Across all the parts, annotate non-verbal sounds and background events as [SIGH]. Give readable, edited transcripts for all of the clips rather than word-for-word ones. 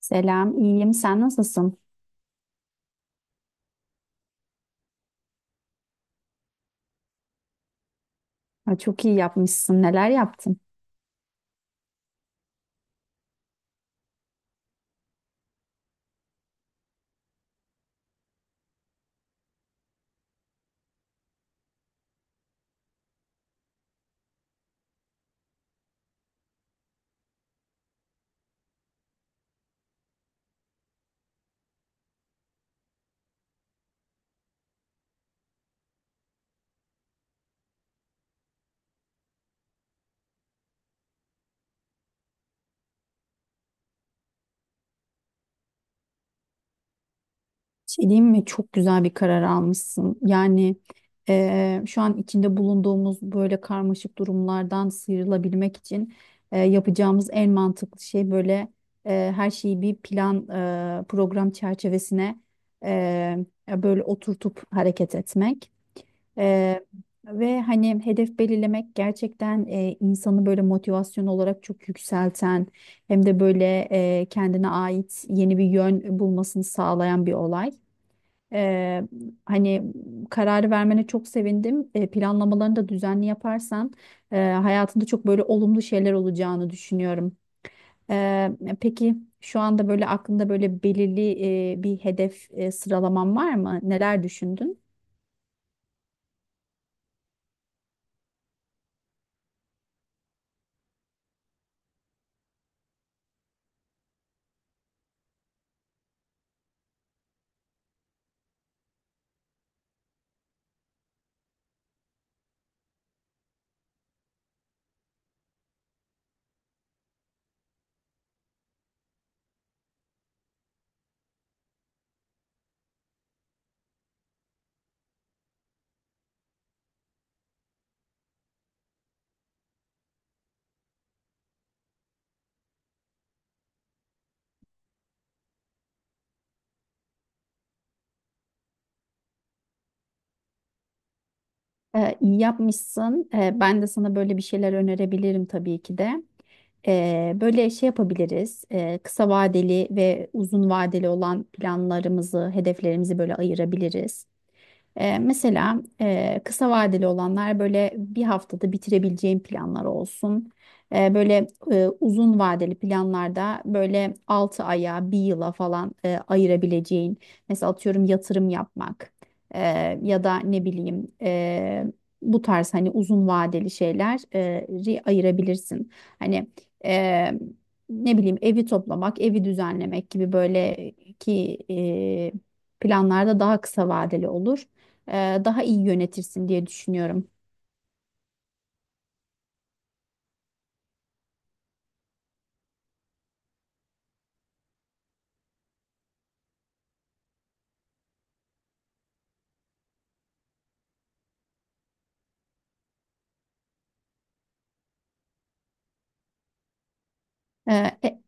Selam, iyiyim. Sen nasılsın? Ha, çok iyi yapmışsın. Neler yaptın? Şey diyeyim mi? Çok güzel bir karar almışsın. Yani şu an içinde bulunduğumuz böyle karmaşık durumlardan sıyrılabilmek için yapacağımız en mantıklı şey böyle her şeyi bir plan program çerçevesine eee, böyle oturtup hareket etmek. Ee, ve hani hedef belirlemek gerçekten insanı böyle motivasyon olarak çok yükselten hem de böyle kendine ait yeni bir yön bulmasını sağlayan bir olay. Ee, hani kararı vermene çok sevindim. Planlamalarını da düzenli yaparsan hayatında çok böyle olumlu şeyler olacağını düşünüyorum. Ee, peki şu anda böyle aklında böyle belirli bir hedef sıralaman var mı? Neler düşündün? İyi yapmışsın. Ben de sana böyle bir şeyler önerebilirim tabii ki de. Böyle şey yapabiliriz. Kısa vadeli ve uzun vadeli olan planlarımızı, hedeflerimizi böyle ayırabiliriz. Mesela kısa vadeli olanlar böyle bir haftada bitirebileceğim planlar olsun. Böyle uzun vadeli planlarda böyle 6 aya, bir yıla falan ayırabileceğin. Mesela atıyorum yatırım yapmak e, ya da ne bileyim bu tarz hani uzun vadeli şeyleri ayırabilirsin. Hani e, ne bileyim evi toplamak, evi düzenlemek gibi böyle ki planlarda daha kısa vadeli olur daha iyi yönetirsin diye düşünüyorum. E,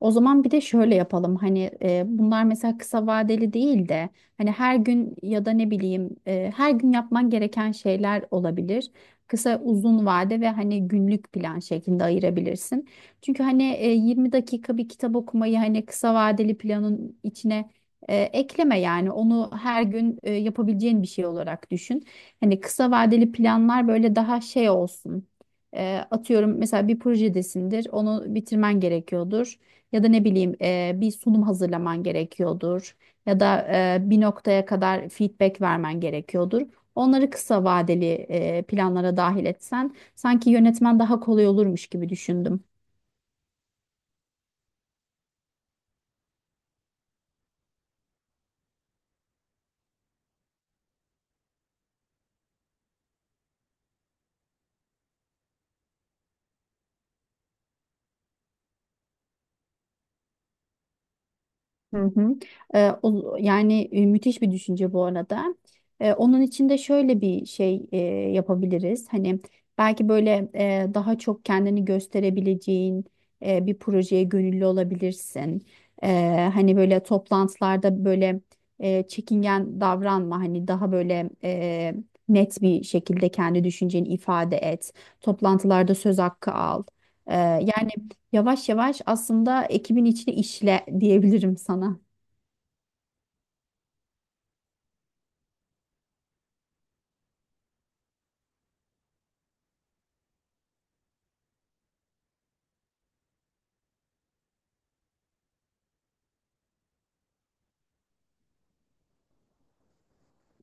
O zaman bir de şöyle yapalım hani bunlar mesela kısa vadeli değil de hani her gün ya da ne bileyim her gün yapman gereken şeyler olabilir. Kısa uzun vade ve hani günlük plan şeklinde ayırabilirsin. Çünkü hani 20 dakika bir kitap okumayı hani kısa vadeli planın içine ekleme yani onu her gün yapabileceğin bir şey olarak düşün. Hani kısa vadeli planlar böyle daha şey olsun. Atıyorum mesela bir projedesindir onu bitirmen gerekiyordur. Ya da ne bileyim bir sunum hazırlaman gerekiyordur. Ya da bir noktaya kadar feedback vermen gerekiyordur. Onları kısa vadeli planlara dahil etsen sanki yönetmen daha kolay olurmuş gibi düşündüm. Hı hı. Yani müthiş bir düşünce bu arada. Onun için de şöyle bir şey yapabiliriz. Hani belki böyle daha çok kendini gösterebileceğin bir projeye gönüllü olabilirsin. Hani böyle toplantılarda böyle çekingen davranma. Hani daha böyle net bir şekilde kendi düşünceni ifade et. Toplantılarda söz hakkı al. Ee, yani Yavaş yavaş aslında ekibin içine işle diyebilirim sana.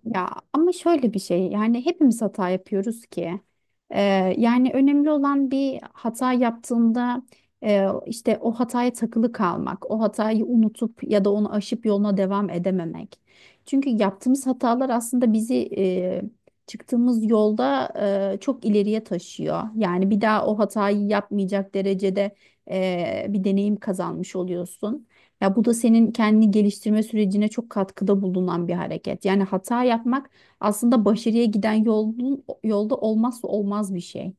Ya ama şöyle bir şey yani hepimiz hata yapıyoruz ki. Ee, yani önemli olan bir hata yaptığında işte o hataya takılı kalmak, o hatayı unutup ya da onu aşıp yoluna devam edememek. Çünkü yaptığımız hatalar aslında bizi çıktığımız yolda çok ileriye taşıyor. Yani bir daha o hatayı yapmayacak derecede bir deneyim kazanmış oluyorsun. Ya bu da senin kendini geliştirme sürecine çok katkıda bulunan bir hareket. Yani hata yapmak aslında başarıya giden yolun, yolda olmazsa olmaz bir şey.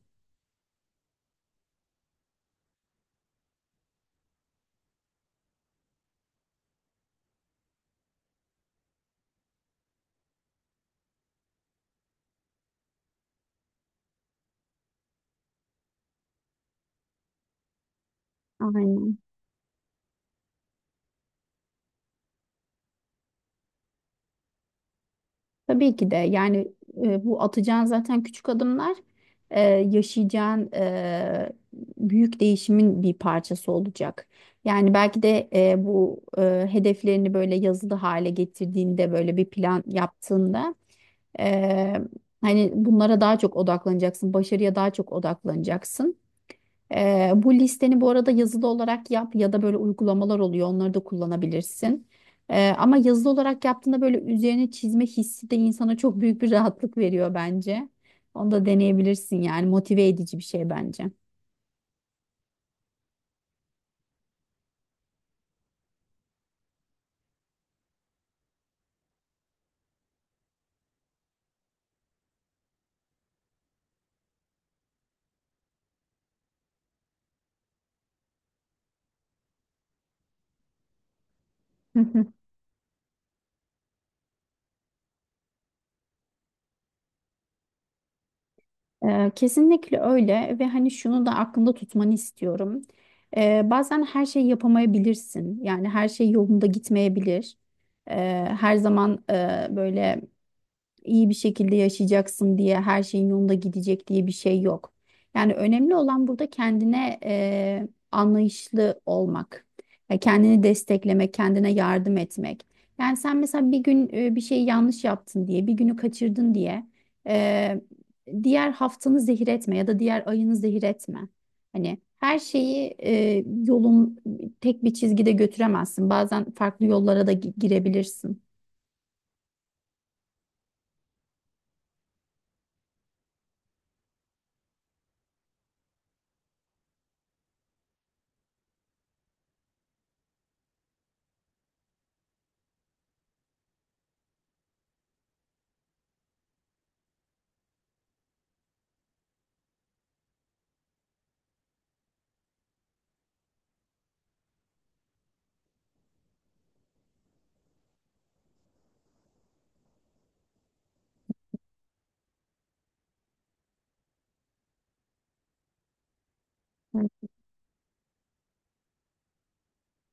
Aynen. Tabii ki de yani bu atacağın zaten küçük adımlar yaşayacağın büyük değişimin bir parçası olacak. Yani belki de bu hedeflerini böyle yazılı hale getirdiğinde böyle bir plan yaptığında e, hani bunlara daha çok odaklanacaksın, başarıya daha çok odaklanacaksın. Bu listeni bu arada yazılı olarak yap ya da böyle uygulamalar oluyor. Onları da kullanabilirsin. Ama yazılı olarak yaptığında böyle üzerine çizme hissi de insana çok büyük bir [LAUGHS] rahatlık veriyor bence. Onu da deneyebilirsin yani motive edici bir şey bence. [LAUGHS] Kesinlikle öyle ve hani şunu da aklında tutmanı istiyorum. Bazen her şeyi yapamayabilirsin. Yani her şey yolunda gitmeyebilir. Her zaman böyle iyi bir şekilde yaşayacaksın diye her şeyin yolunda gidecek diye bir şey yok. Yani önemli olan burada kendine anlayışlı olmak, ya kendini desteklemek, kendine yardım etmek. Yani sen mesela bir gün bir şey yanlış yaptın diye, bir günü kaçırdın diye eee, diğer haftanı zehir etme ya da diğer ayını zehir etme. Hani her şeyi yolun tek bir çizgide götüremezsin. Bazen farklı yollara da girebilirsin.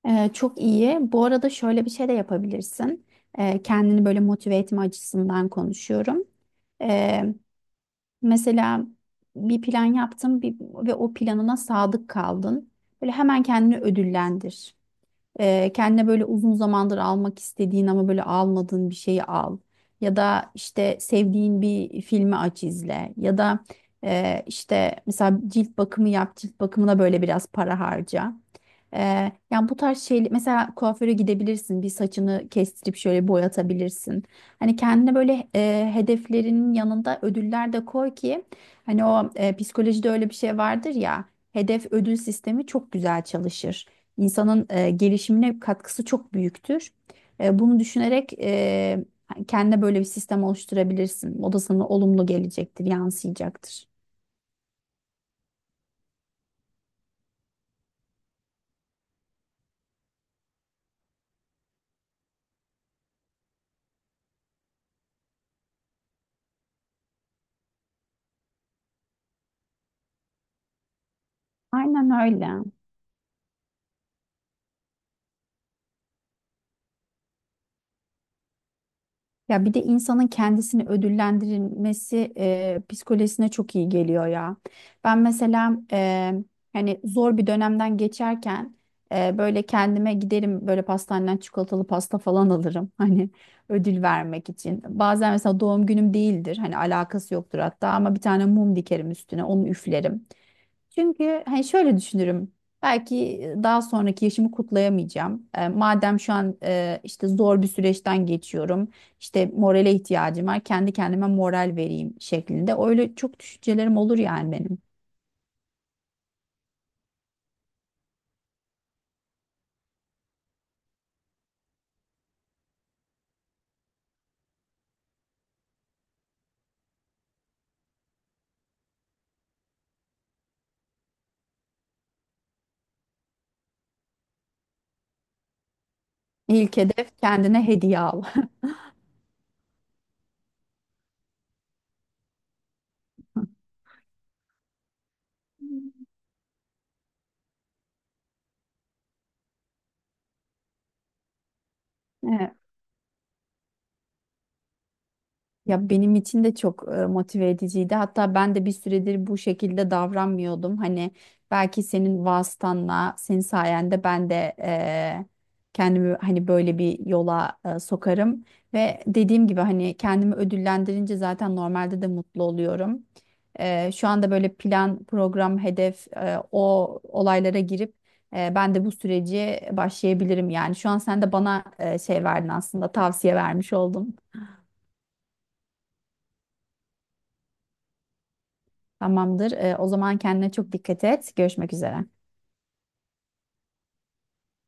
Çok iyi. Bu arada şöyle bir şey de yapabilirsin. Kendini böyle motive etme açısından konuşuyorum. Ee, Mesela bir plan yaptın ve o planına sadık kaldın. Böyle hemen kendini ödüllendir. Kendine böyle uzun zamandır almak istediğin ama böyle almadığın bir şeyi al. Ya da işte sevdiğin bir filmi aç izle. Ya da işte mesela cilt bakımı yap, cilt bakımına böyle biraz para harca. Yani bu tarz şey mesela kuaföre gidebilirsin, bir saçını kestirip şöyle boyatabilirsin. Hani kendine böyle hedeflerinin yanında ödüller de koy ki hani o psikolojide öyle bir şey vardır ya hedef ödül sistemi çok güzel çalışır insanın gelişimine katkısı çok büyüktür. Bunu düşünerek kendine böyle bir sistem oluşturabilirsin. O da sana olumlu gelecektir, yansıyacaktır. Aynen öyle. Ya bir de insanın kendisini ödüllendirilmesi psikolojisine çok iyi geliyor ya. Ben mesela hani zor bir dönemden geçerken böyle kendime giderim böyle pastaneden çikolatalı pasta falan alırım [LAUGHS] hani ödül vermek için. Bazen mesela doğum günüm değildir hani alakası yoktur hatta ama bir tane mum dikerim üstüne onu üflerim. Çünkü hani şöyle düşünürüm. Belki daha sonraki yaşımı kutlayamayacağım. Madem şu an işte zor bir süreçten geçiyorum. İşte morale ihtiyacım var. Kendi kendime moral vereyim şeklinde. Öyle çok düşüncelerim olur yani benim. İlk hedef kendine hediye al. [LAUGHS] Evet. Ya benim için de çok motive ediciydi. Hatta ben de bir süredir bu şekilde davranmıyordum. Hani belki senin vasıtanla, senin sayende ben de e, kendimi hani böyle bir yola sokarım. Ve dediğim gibi hani kendimi ödüllendirince zaten normalde de mutlu oluyorum. Şu anda böyle plan, program, hedef o olaylara girip ben de bu süreci başlayabilirim yani. Şu an sen de bana şey verdin aslında tavsiye vermiş oldun. Tamamdır. O zaman kendine çok dikkat et. Görüşmek üzere.